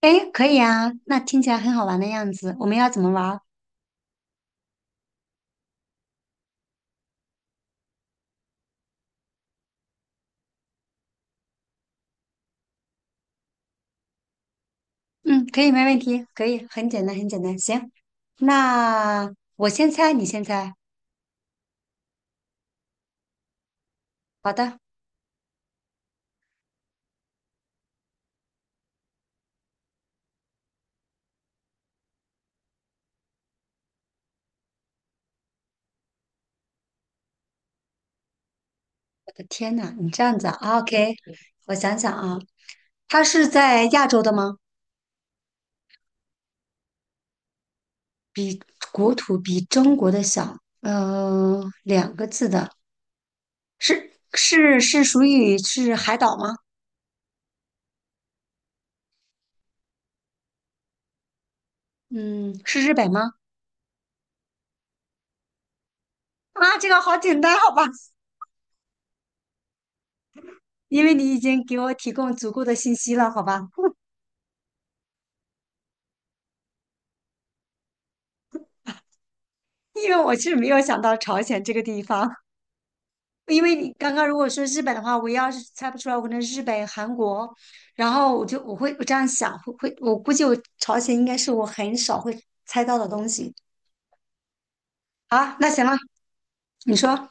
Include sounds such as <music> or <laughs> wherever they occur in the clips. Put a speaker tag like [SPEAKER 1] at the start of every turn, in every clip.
[SPEAKER 1] 哎，可以啊，那听起来很好玩的样子。我们要怎么玩儿？嗯，可以，没问题，可以，很简单，很简单。行，那我先猜，你先猜。好的，我的天呐，你这样子啊？OK，我想想啊，它是在亚洲的吗？国土比中国的小，两个字的，是属于是海岛吗？嗯，是日本吗？啊，这个好简单，好吧，因为你已经给我提供足够的信息了，好吧。因为我是没有想到朝鲜这个地方，因为你刚刚如果说日本的话，我要是猜不出来，我可能日本、韩国，然后我这样想，会，我估计我朝鲜应该是我很少会猜到的东西。好，那行了，你说，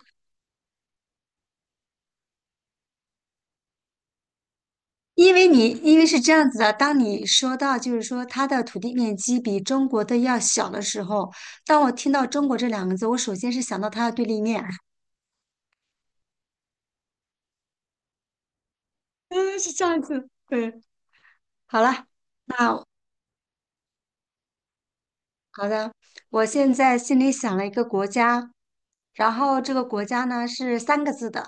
[SPEAKER 1] 因为你因为是这样子的，当你说到就是说它的土地面积比中国的要小的时候，当我听到中国这两个字，我首先是想到它的对立面，<laughs> 嗯，是这样子，对，好了，那好的，我现在心里想了一个国家，然后这个国家呢是三个字的，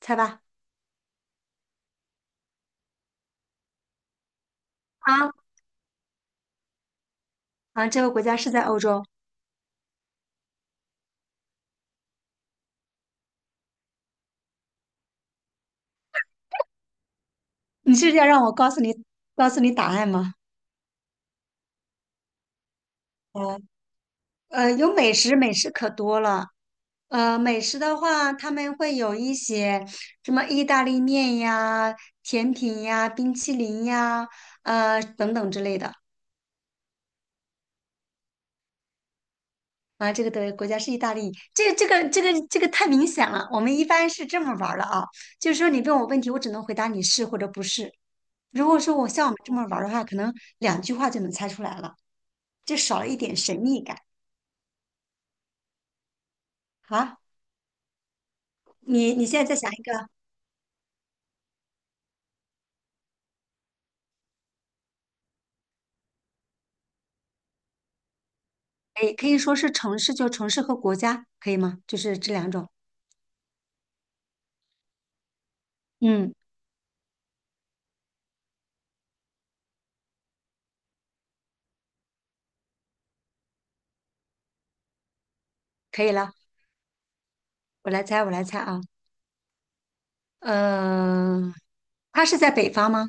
[SPEAKER 1] 猜吧。啊，啊，这个国家是在欧洲。你是要让我告诉你，告诉你答案吗？嗯有美食，美食可多了。呃，美食的话，他们会有一些什么意大利面呀、甜品呀、冰淇淋呀，呃等等之类的。啊，这个的国家是意大利，这个太明显了。我们一般是这么玩儿的啊，就是说你问我问题，我只能回答你是或者不是。如果说我像我们这么玩儿的话，可能两句话就能猜出来了，就少了一点神秘感啊。你现在再想一个，哎，可以说是城市，就城市和国家，可以吗？就是这两种。嗯，可以了，我来猜，我来猜啊。呃，它是在北方吗？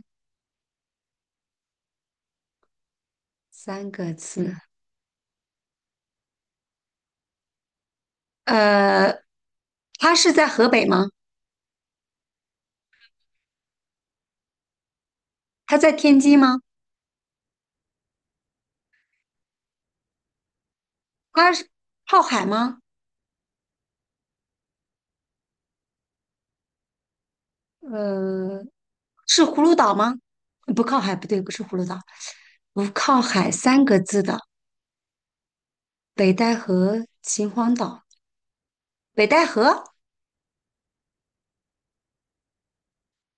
[SPEAKER 1] 三个字。呃，它是在河北吗？它在天津吗？它是靠海吗？呃，是葫芦岛吗？不靠海，不对，不是葫芦岛，不靠海三个字的北戴河秦皇岛，北戴河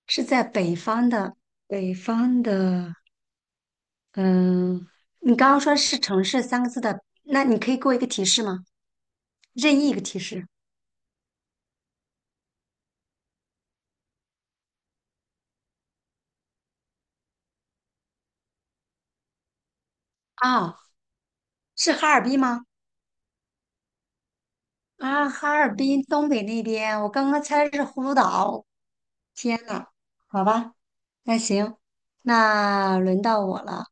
[SPEAKER 1] 是在北方的，北方的，嗯、你刚刚说是城市三个字的，那你可以给我一个提示吗？任意一个提示啊，是哈尔滨吗？啊，哈尔滨东北那边，我刚刚猜是葫芦岛，天呐，好吧，那行，那轮到我了。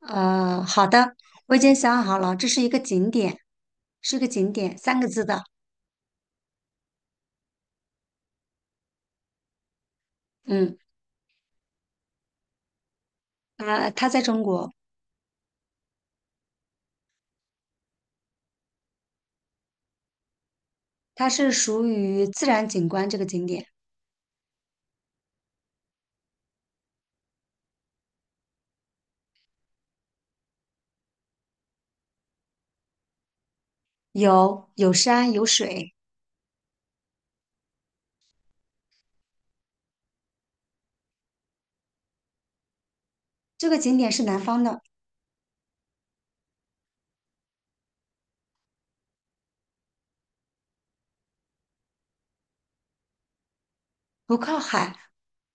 [SPEAKER 1] 呃，好的，我已经想好了，这是一个景点，是个景点，三个字的。嗯，呃，它在中国，它是属于自然景观这个景点，有山有水。这个景点是南方的，不靠海。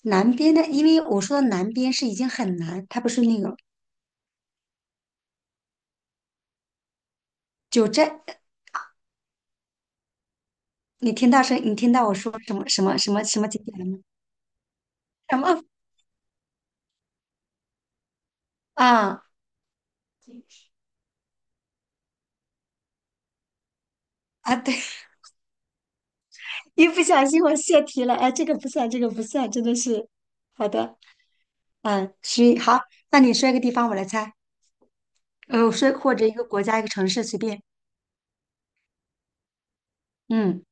[SPEAKER 1] 南边的，因为我说的南边是已经很南，它不是那个九寨。你听到声，你听到我说什么什么什么什么景点了吗？什么啊啊？对。一不小心我泄题了，哎，这个不算，这个不算，真的是好的，嗯，需好，那你说一个地方，我来猜，呃，说或者一个国家，一个城市，随便，嗯，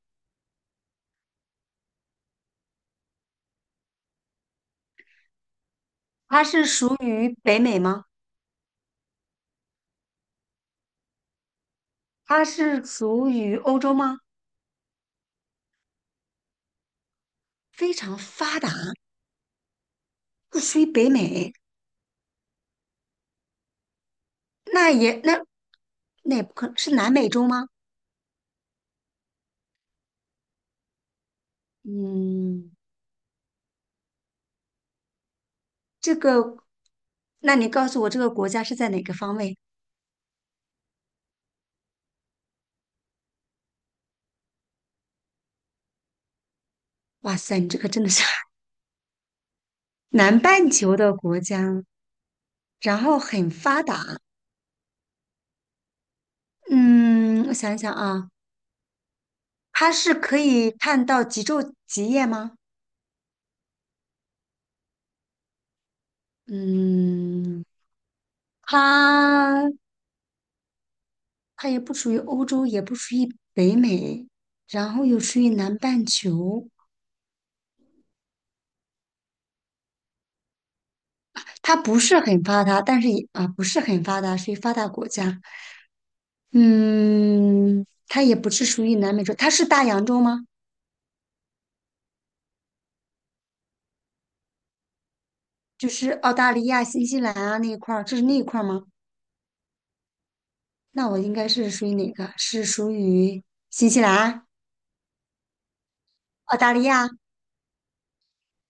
[SPEAKER 1] 它是属于北美吗？它是属于欧洲吗？非常发达，不属于北美，那也那那也不可能是南美洲吗？嗯，这个，那你告诉我这个国家是在哪个方位？哇塞，你这个真的是 <laughs> 南半球的国家，然后很发达。嗯，我想一想啊，它是可以看到极昼极夜吗？嗯，它它也不属于欧洲，也不属于北美，然后又属于南半球。它不是很发达，但是也啊不是很发达，属于发达国家。嗯，它也不是属于南美洲，它是大洋洲吗？就是澳大利亚、新西兰啊那一块儿，这是那一块儿吗？那我应该是属于哪个？是属于新西兰、澳大利亚？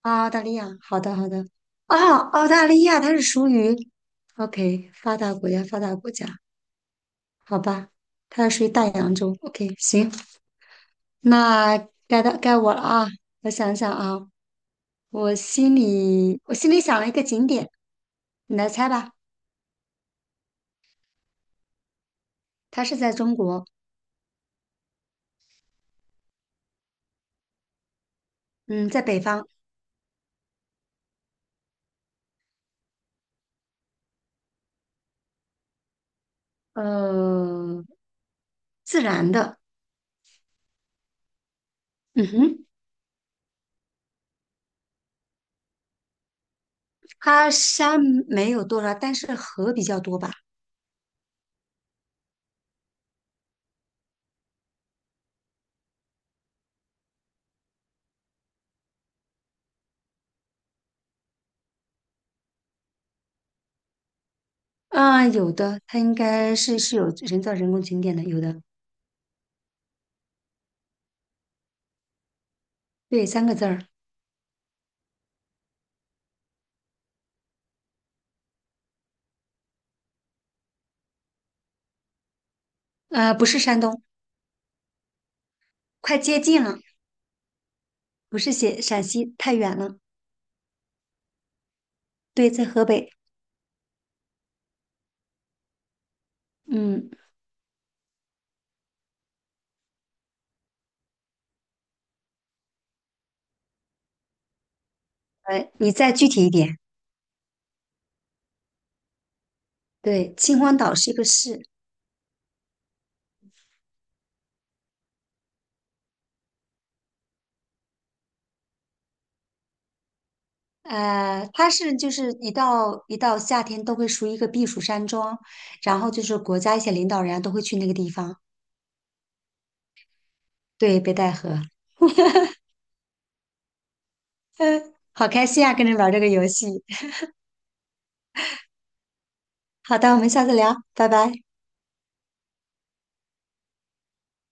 [SPEAKER 1] 啊，澳大利亚，好的好的，啊，澳大利亚它是属于，OK，发达国家，发达国家，好吧，它属于大洋洲，OK，行，那该到该我了啊，我想想啊，我心里想了一个景点，你来猜吧，它是在中国，嗯，在北方，呃，自然的，嗯哼，它山没有多少，但是河比较多吧，嗯、有的，它应该是有人造人工景点的，有的。对，三个字儿，呃，不是山东，快接近了，不是写陕西，太远了。对，在河北。嗯，呃，你再具体一点。对，秦皇岛是一个市，它是就是一到夏天都会属于一个避暑山庄，然后就是国家一些领导人啊都会去那个地方。对，北戴河。<laughs> 嗯，好开心啊，跟你玩这个游戏。好的，我们下次聊，拜拜。